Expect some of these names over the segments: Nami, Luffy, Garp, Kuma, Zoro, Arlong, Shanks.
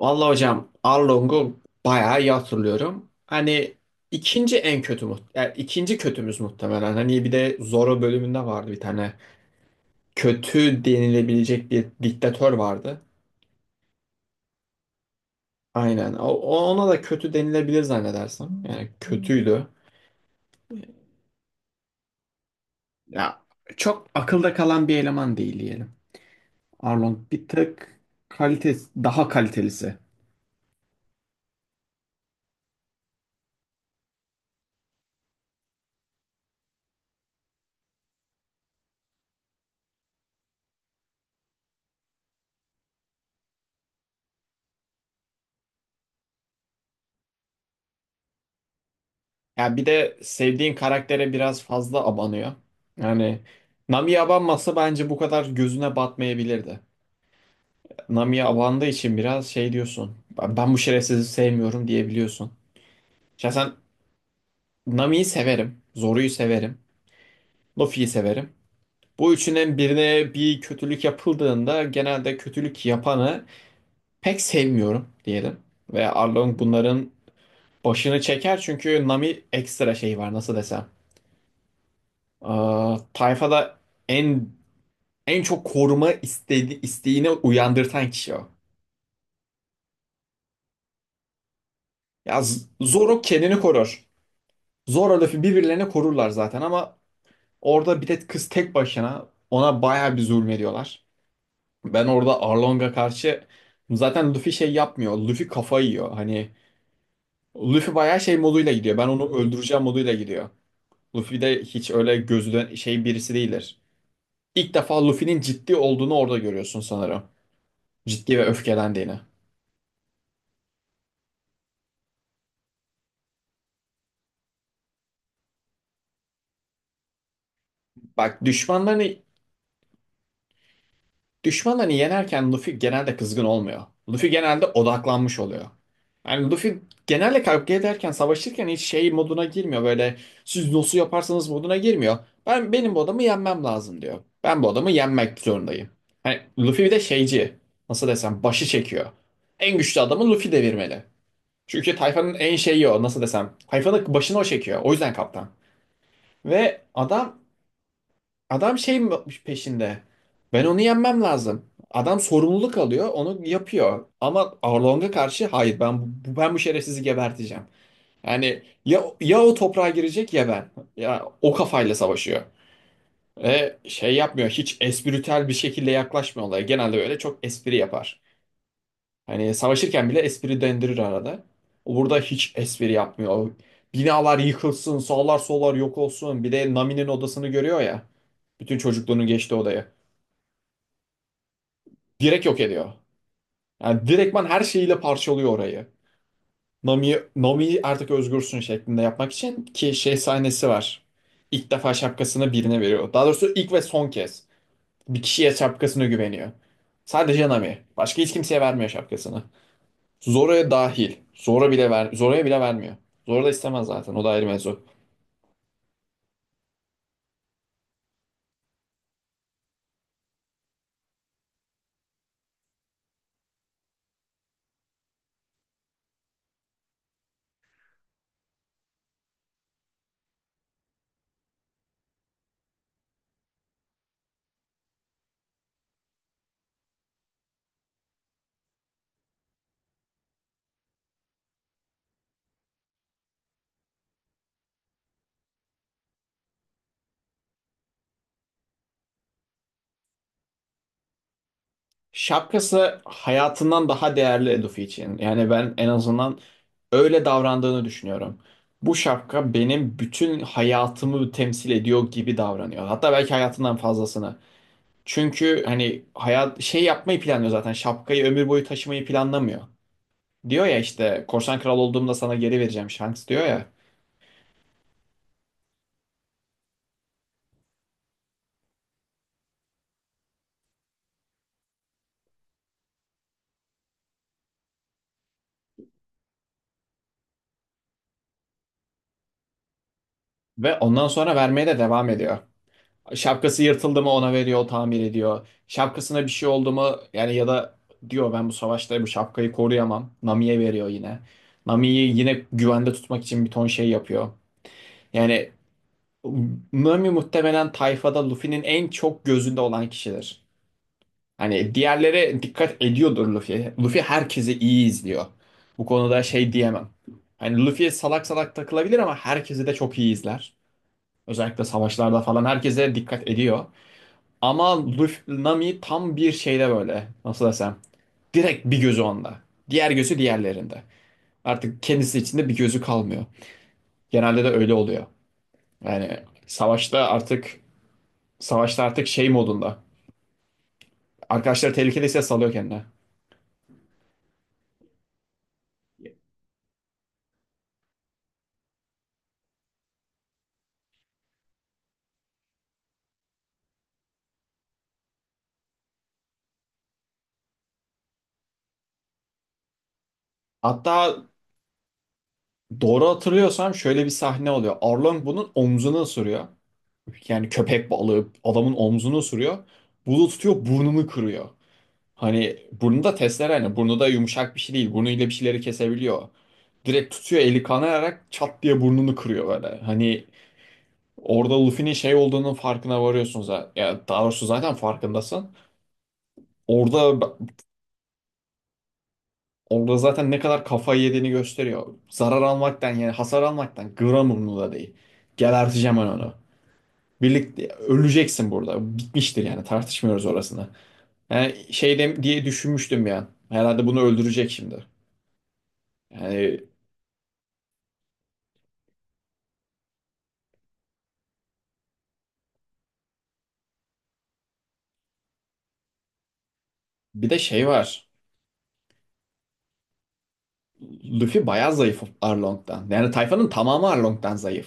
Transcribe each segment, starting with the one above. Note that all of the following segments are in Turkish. Vallahi hocam Arlong'u bayağı iyi hatırlıyorum. Hani ikinci kötümüz muhtemelen. Hani bir de Zorro bölümünde vardı bir tane. Kötü denilebilecek bir diktatör vardı. Aynen. Ona da kötü denilebilir zannedersem. Yani kötüydü. Ya çok akılda kalan bir eleman değil diyelim. Arlong bir tek kalitesi daha kalitelisi. Ya bir de sevdiğin karaktere biraz fazla abanıyor. Yani Nami'ye abanmasa bence bu kadar gözüne batmayabilirdi. Nami'ye abandığı için biraz şey diyorsun. Ben bu şerefsizi sevmiyorum diyebiliyorsun. Şahsen Nami'yi severim. Zoru'yu severim. Luffy'yi severim. Bu üçünün birine bir kötülük yapıldığında genelde kötülük yapanı pek sevmiyorum diyelim. Ve Arlong bunların başını çeker çünkü Nami ekstra şey var nasıl desem. Ee, Tayfada en en çok koruma istedi, isteğini uyandırtan kişi o. Zoro kendini korur. Zoro Luffy birbirlerini korurlar zaten ama orada bir de kız tek başına ona bayağı bir zulmediyorlar. Ben orada Arlong'a karşı zaten Luffy şey yapmıyor. Luffy kafa yiyor. Hani Luffy bayağı şey moduyla gidiyor. Ben onu öldüreceğim moduyla gidiyor. Luffy de hiç öyle gözüden şey birisi değildir. İlk defa Luffy'nin ciddi olduğunu orada görüyorsun sanırım. Ciddi ve öfkelendiğini. Bak düşmanlarını yenerken Luffy genelde kızgın olmuyor. Luffy genelde odaklanmış oluyor. Yani Luffy genelde kavga ederken, savaşırken hiç şey moduna girmiyor. Böyle siz nasıl yaparsanız moduna girmiyor. Benim bu adamı yenmem lazım diyor. Ben bu adamı yenmek zorundayım. Hani Luffy bir de şeyci. Nasıl desem başı çekiyor. En güçlü adamı Luffy devirmeli. Çünkü tayfanın en şeyi o nasıl desem. Tayfanın başını o çekiyor. O yüzden kaptan. Ve adam şey mi peşinde. Ben onu yenmem lazım. Adam sorumluluk alıyor, onu yapıyor. Ama Arlong'a karşı hayır ben bu şerefsizi geberteceğim. Yani ya o toprağa girecek ya ben. Ya o kafayla savaşıyor. Ve şey yapmıyor. Hiç espritüel bir şekilde yaklaşmıyor olaya. Genelde böyle çok espri yapar. Hani savaşırken bile espri dendirir arada. O burada hiç espri yapmıyor. O binalar yıkılsın, sağlar sollar yok olsun. Bir de Nami'nin odasını görüyor ya. Bütün çocukluğunun geçtiği odayı. Direkt yok ediyor. Yani direktman her şeyiyle parçalıyor orayı. Nami artık özgürsün şeklinde yapmak için ki şey sahnesi var. İlk defa şapkasını birine veriyor. Daha doğrusu ilk ve son kez. Bir kişiye şapkasını güveniyor. Sadece Nami. Başka hiç kimseye vermiyor şapkasını. Zora'ya dahil. Zora'ya bile vermiyor. Zora da istemez zaten. O da ayrı mevzu. Şapkası hayatından daha değerli Luffy için. Yani ben en azından öyle davrandığını düşünüyorum. Bu şapka benim bütün hayatımı temsil ediyor gibi davranıyor. Hatta belki hayatından fazlasını. Çünkü hani hayat şey yapmayı planlıyor zaten. Şapkayı ömür boyu taşımayı planlamıyor. Diyor ya işte korsan kral olduğumda sana geri vereceğim Shanks diyor ya. Ve ondan sonra vermeye de devam ediyor. Şapkası yırtıldı mı ona veriyor, o tamir ediyor. Şapkasına bir şey oldu mu yani ya da diyor ben bu savaşta bu şapkayı koruyamam. Nami'ye veriyor yine. Nami'yi yine güvende tutmak için bir ton şey yapıyor. Yani Nami muhtemelen tayfada Luffy'nin en çok gözünde olan kişidir. Hani diğerlere dikkat ediyordur Luffy. Luffy herkesi iyi izliyor. Bu konuda şey diyemem. Hani Luffy salak salak takılabilir ama herkesi de çok iyi izler. Özellikle savaşlarda falan herkese dikkat ediyor. Ama Luffy Nami tam bir şeyde böyle. Nasıl desem. Direkt bir gözü onda. Diğer gözü diğerlerinde. Artık kendisi içinde bir gözü kalmıyor. Genelde de öyle oluyor. Yani savaşta artık Savaşta artık şey modunda. Arkadaşlar tehlikedeyse salıyor kendine. Hatta doğru hatırlıyorsam şöyle bir sahne oluyor. Arlong bunun omzunu ısırıyor. Yani köpek balığı adamın omzunu ısırıyor. Bunu tutuyor burnunu kırıyor. Hani burnu da testere Hani burnu da yumuşak bir şey değil. Burnuyla bir şeyleri kesebiliyor. Direkt tutuyor eli kanayarak çat diye burnunu kırıyor böyle. Hani orada Luffy'nin şey olduğunun farkına varıyorsun zaten. Ya daha doğrusu zaten farkındasın. Orada orada zaten ne kadar kafayı yediğini gösteriyor. Zarar almaktan yani hasar almaktan gram umurunda değil. Geberteceğim ben onu. Birlikte öleceksin burada. Bitmiştir yani tartışmıyoruz orasını. Yani diye düşünmüştüm ya. Herhalde bunu öldürecek şimdi. Yani bir de şey var. Luffy bayağı zayıf Arlong'dan. Yani tayfanın tamamı Arlong'dan zayıf.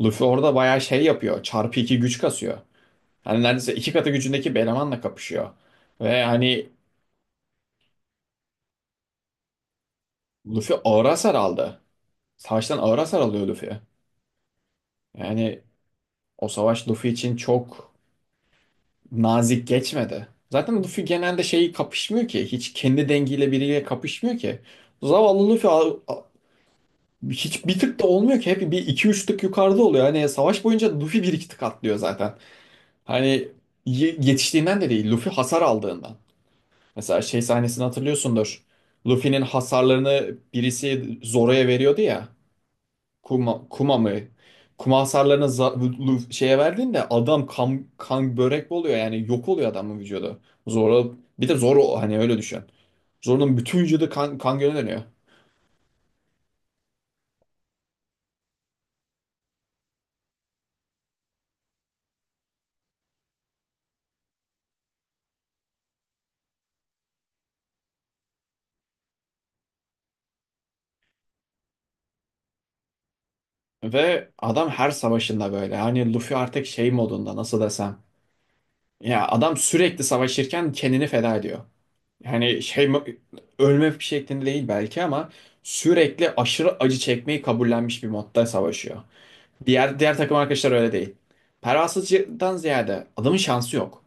Luffy orada bayağı şey yapıyor. Çarpı iki güç kasıyor. Hani neredeyse iki katı gücündeki bir elemanla kapışıyor. Ve hani Luffy ağır hasar aldı. Savaştan ağır hasar alıyor Luffy. Yani o savaş Luffy için çok nazik geçmedi. Zaten Luffy genelde şeyi kapışmıyor ki. Hiç kendi dengiyle biriyle kapışmıyor ki. Zavallı hiç bir tık da olmuyor ki. Hep bir iki üç tık yukarıda oluyor. Hani savaş boyunca Luffy bir iki tık atlıyor zaten. Hani yetiştiğinden de değil, Luffy hasar aldığından. Mesela şey sahnesini hatırlıyorsundur. Luffy'nin hasarlarını birisi Zoro'ya veriyordu ya. Kuma mı? Kuma hasarlarını za- Luffy, Şeye verdiğinde adam kan, kan börek oluyor yani yok oluyor adamın vücudu. Zoro bir de Zoro hani öyle düşün. Zoro'nun bütün vücudu kan, kan gölüne dönüyor. Ve adam her savaşında böyle. Hani Luffy artık şey modunda nasıl desem. Ya adam sürekli savaşırken kendini feda ediyor. Yani şey ölme şeklinde değil belki ama sürekli aşırı acı çekmeyi kabullenmiş bir modda savaşıyor. Diğer takım arkadaşlar öyle değil. Pervasızcıdan ziyade adamın şansı yok.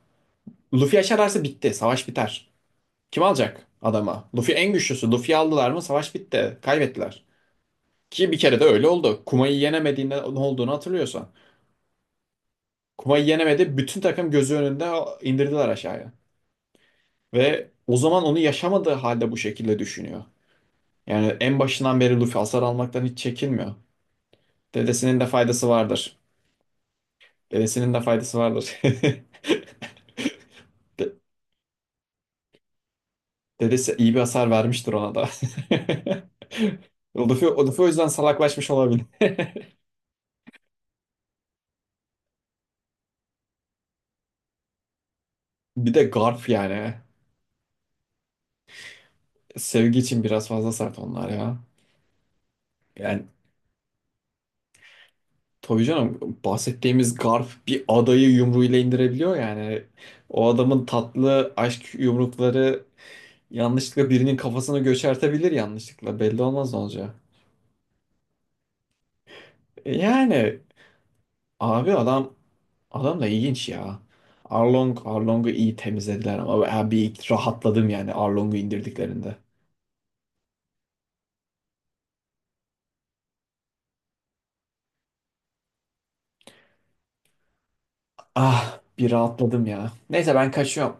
Luffy aşararsa bitti. Savaş biter. Kim alacak adama? Luffy en güçlüsü. Luffy'yi aldılar mı savaş bitti. Kaybettiler. Ki bir kere de öyle oldu. Kuma'yı yenemediğinde ne olduğunu hatırlıyorsan. Kuma'yı yenemedi. Bütün takım gözü önünde indirdiler aşağıya. Ve o zaman onu yaşamadığı halde bu şekilde düşünüyor. Yani en başından beri Luffy hasar almaktan hiç çekinmiyor. Dedesinin de faydası vardır. Dedesinin de faydası vardır. De- Dedesi iyi bir hasar vermiştir ona da. Luffy o yüzden salaklaşmış olabilir. Bir de Garp yani. Sevgi için biraz fazla sert onlar ya. Yani tabii canım bahsettiğimiz Garp bir adayı yumruğuyla indirebiliyor yani. O adamın tatlı aşk yumrukları yanlışlıkla birinin kafasını göçertebilir yanlışlıkla. Belli olmaz ne olacağı. Yani abi adam da ilginç ya. Arlong'u iyi temizlediler ama ben bir rahatladım yani Arlong'u indirdiklerinde. Ah bir rahatladım ya. Neyse ben kaçıyorum.